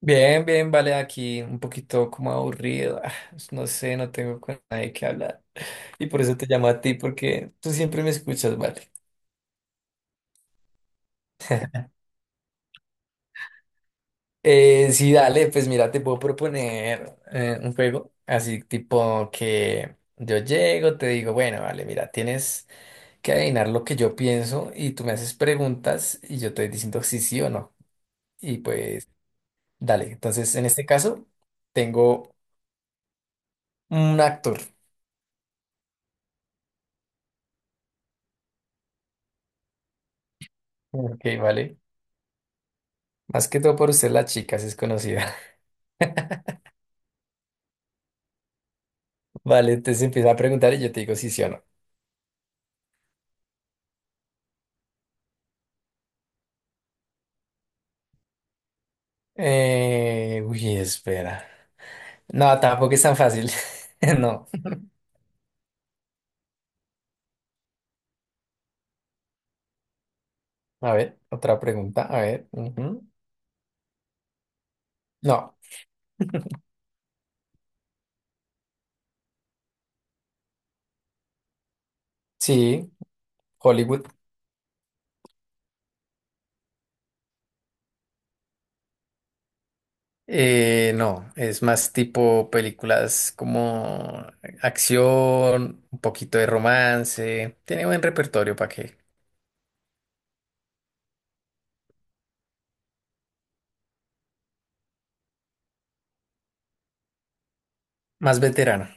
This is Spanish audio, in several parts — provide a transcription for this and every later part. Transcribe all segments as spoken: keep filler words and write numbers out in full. Bien, bien, vale, aquí un poquito como aburrido. ah, No sé, no tengo con nadie que hablar. Y por eso te llamo a ti, porque tú siempre me escuchas, vale. Eh, sí, dale, pues mira, te puedo proponer eh, un juego, así tipo que yo llego, te digo, bueno, vale, mira, tienes que adivinar lo que yo pienso y tú me haces preguntas y yo te voy diciendo sí, sí o no. Y pues, dale, entonces en este caso tengo un actor. Ok, vale. Más que todo por usted, la chica, si es conocida. Vale, entonces empieza a preguntar y yo te digo si sí o no. Eh, uy, espera. No, tampoco es tan fácil. No. A ver, otra pregunta. A ver. Ujú. No. Sí, Hollywood. Eh, no, es más tipo películas como acción, un poquito de romance. Tiene buen repertorio para que. Más veterano.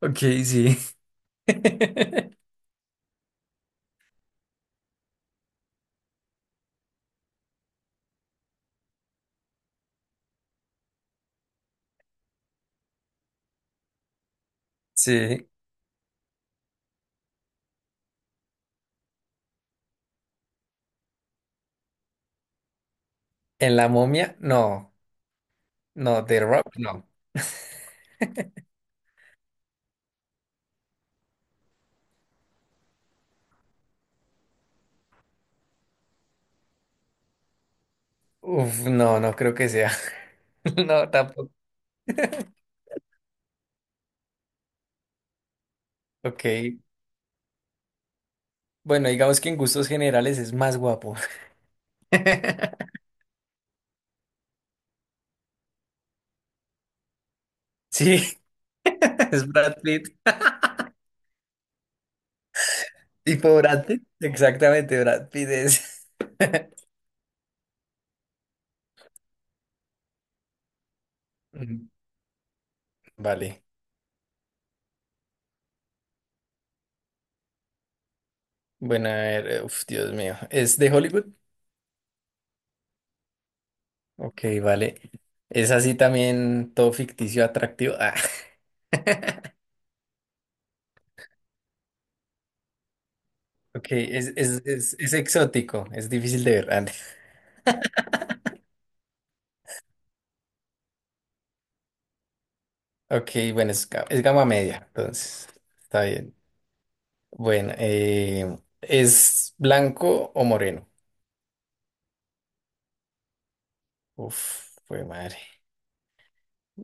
Ok, sí. Sí. En La Momia, no. No, The Rock, no. Uf, no, no creo que sea. No, tampoco. Ok. Bueno, digamos que en gustos generales es más guapo. Sí, es Brad Pitt. ¿Tipo Brad Pitt? Exactamente, Brad Pitt es. Ujú. Vale. Bueno, a ver, eh, uf, Dios mío. ¿Es de Hollywood? Ok, vale. ¿Es así también todo ficticio, atractivo? Ah, ok, es, es, es, es exótico, es difícil de ver. Ah, ok, bueno, es, ga- es gama media, entonces, está bien. Bueno, eh, ¿es blanco o moreno? Uf, fue madre.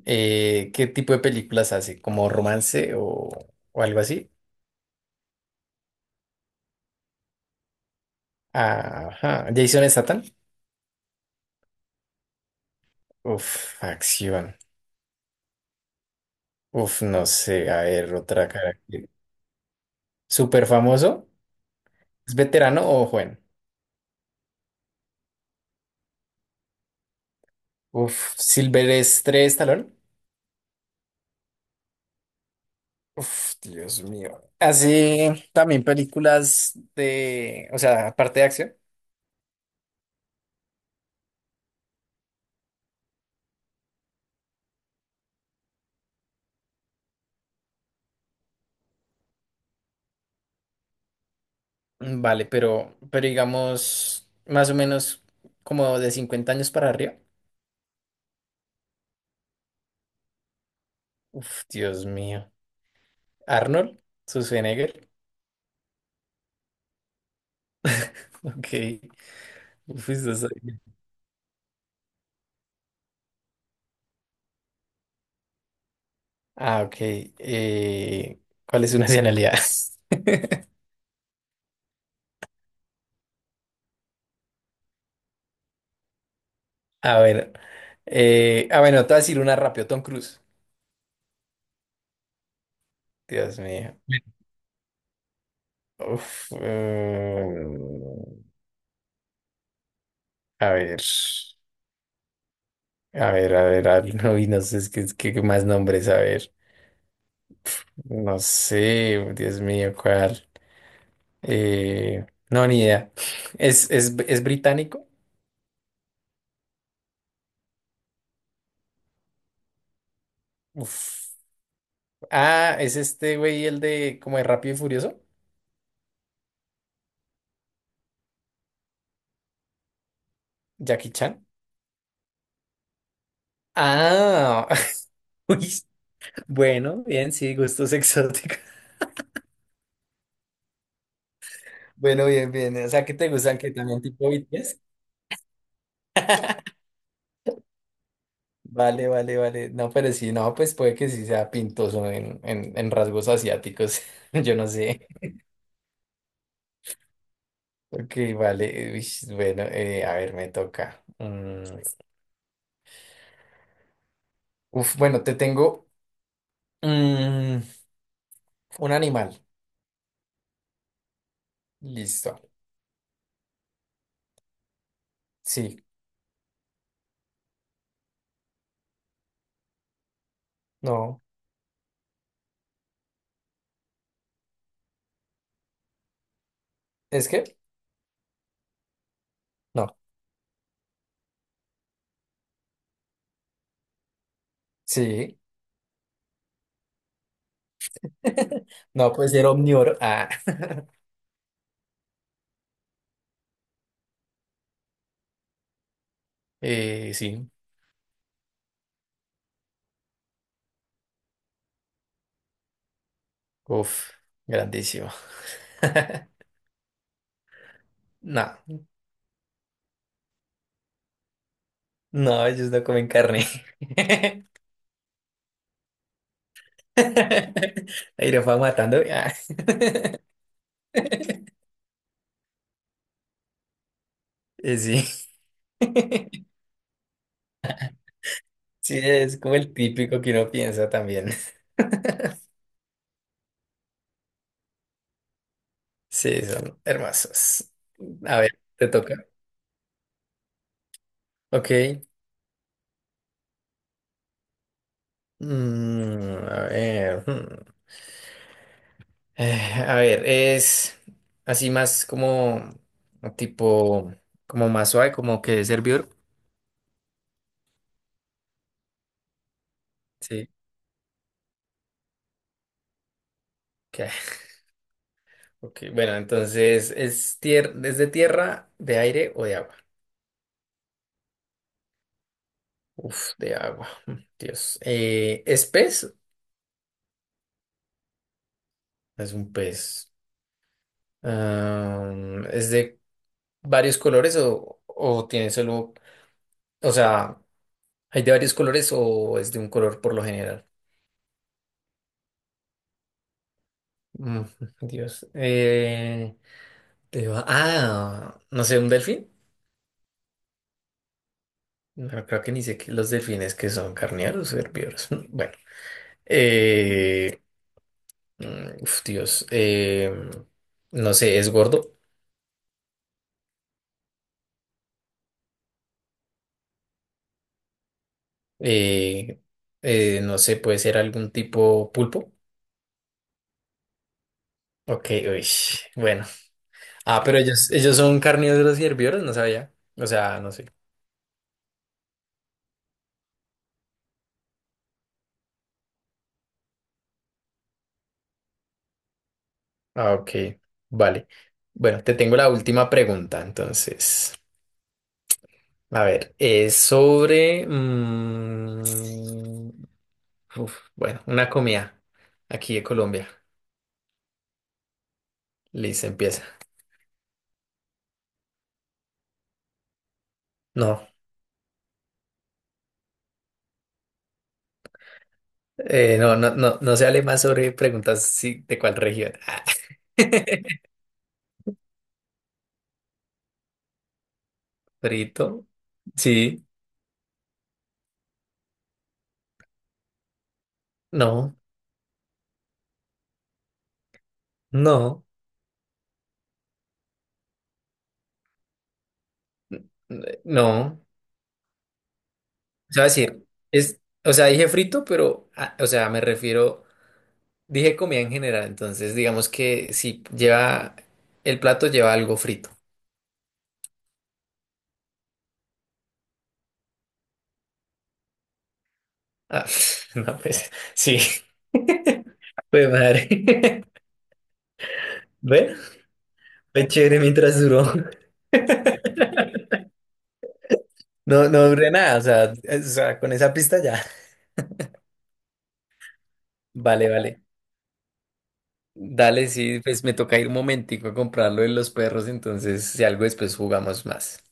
Eh, ¿qué tipo de películas hace? ¿Como romance o, o algo así? Ajá. ¿Jason Statham? Uf, acción. Uf, no sé. A ver, otra cara. ¿Súper famoso? ¿Es veterano o joven? Uf, ¿Silvestre Stallone? Uf, Dios mío. Hace también películas de, o sea, aparte de acción. Mm, Vale, pero, pero digamos, más o menos como de cincuenta años para arriba. Uf, Dios mío. Arnold Schwarzenegger. Ok. Uf, eso es- Ah, ok. Eh, ¿cuál es su nacionalidad? A ver. Eh, ah, bueno, te voy a decir una rápido. Tom Cruise. Dios mío. Uf, mm, a ver. A ver, a ver, a ver, no, y no sé, es que, es que- qué más nombres, a ver. No sé, Dios mío, ¿cuál? Eh, no, ni idea. ¿Es, es, es británico? Uf. Ah, es este güey, el de como de Rápido y Furioso, Jackie Chan. Ah, uy, bueno, bien, sí, gustos exóticos. Bueno, bien, bien. O sea, ¿qué te gustan? ¿Que también tipo B T S? Vale, vale, vale. No, pero sí, no, pues puede que sí sea pintoso en, en, en rasgos asiáticos. Yo no sé. Ok, vale. Uy, bueno, eh, a ver, me toca. Mm, Uf, bueno, te tengo. mm, Un animal. Listo. Sí. No. ¿Es que? No. Sí. No puede ser omnívoro. Ah. Eh, sí. Uf. Grandísimo. No. No, ellos no comen carne. Ahí lo van matando. Ah. Eh, Sí. Sí, es como el típico que uno piensa también. Sí, son hermosos. A ver, te toca. Ok. Mm, a ver. Hmm. Eh, a ver, es así más como tipo, como más suave, como que de servidor. Sí. Ok, ok, bueno, entonces es tier ¿es de tierra, de aire o de agua? Uf, de agua. mm, Dios. Eh, ¿es pez? Es un pez. Am, ¿es de varios colores o, o tiene solo, o sea, hay de varios colores o es de un color por lo general? Mm, Dios. Eh, Te va- Ah, no sé, un delfín. No creo que ni sé qué los delfines que son carnívoros o herbívoros. Bueno, eh, mm, uf, Dios, eh, no sé, es gordo. Eh, eh, no sé, puede ser algún tipo pulpo. Ok, uy, bueno. Ah, pero ellos, ellos son carnívoros y herbívoros, no sabía. O sea, no sé. Ah, ok, vale. Bueno, te tengo la última pregunta, entonces. A ver, es sobre... mm, Uf, bueno, una comida aquí de Colombia. Listo, empieza. No, eh, no, no, no, no se hable más sobre preguntas sí, de cuál región. Frito, sí, no, no, n- no. O sea, decir, es, o sea, dije frito, pero, ah, o sea, me refiero, dije comida en general. Entonces, digamos que si lleva, el plato lleva algo frito. Ah, no, pues, sí. Pues madre. ¿Ve? Fue chévere mientras duró. No, no duré nada, o sea, es- o sea, con esa pista ya. Vale, vale. Dale, sí, pues me toca ir un momentico a comprarlo de los perros, entonces si algo después jugamos más.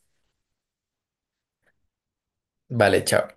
Vale, chao.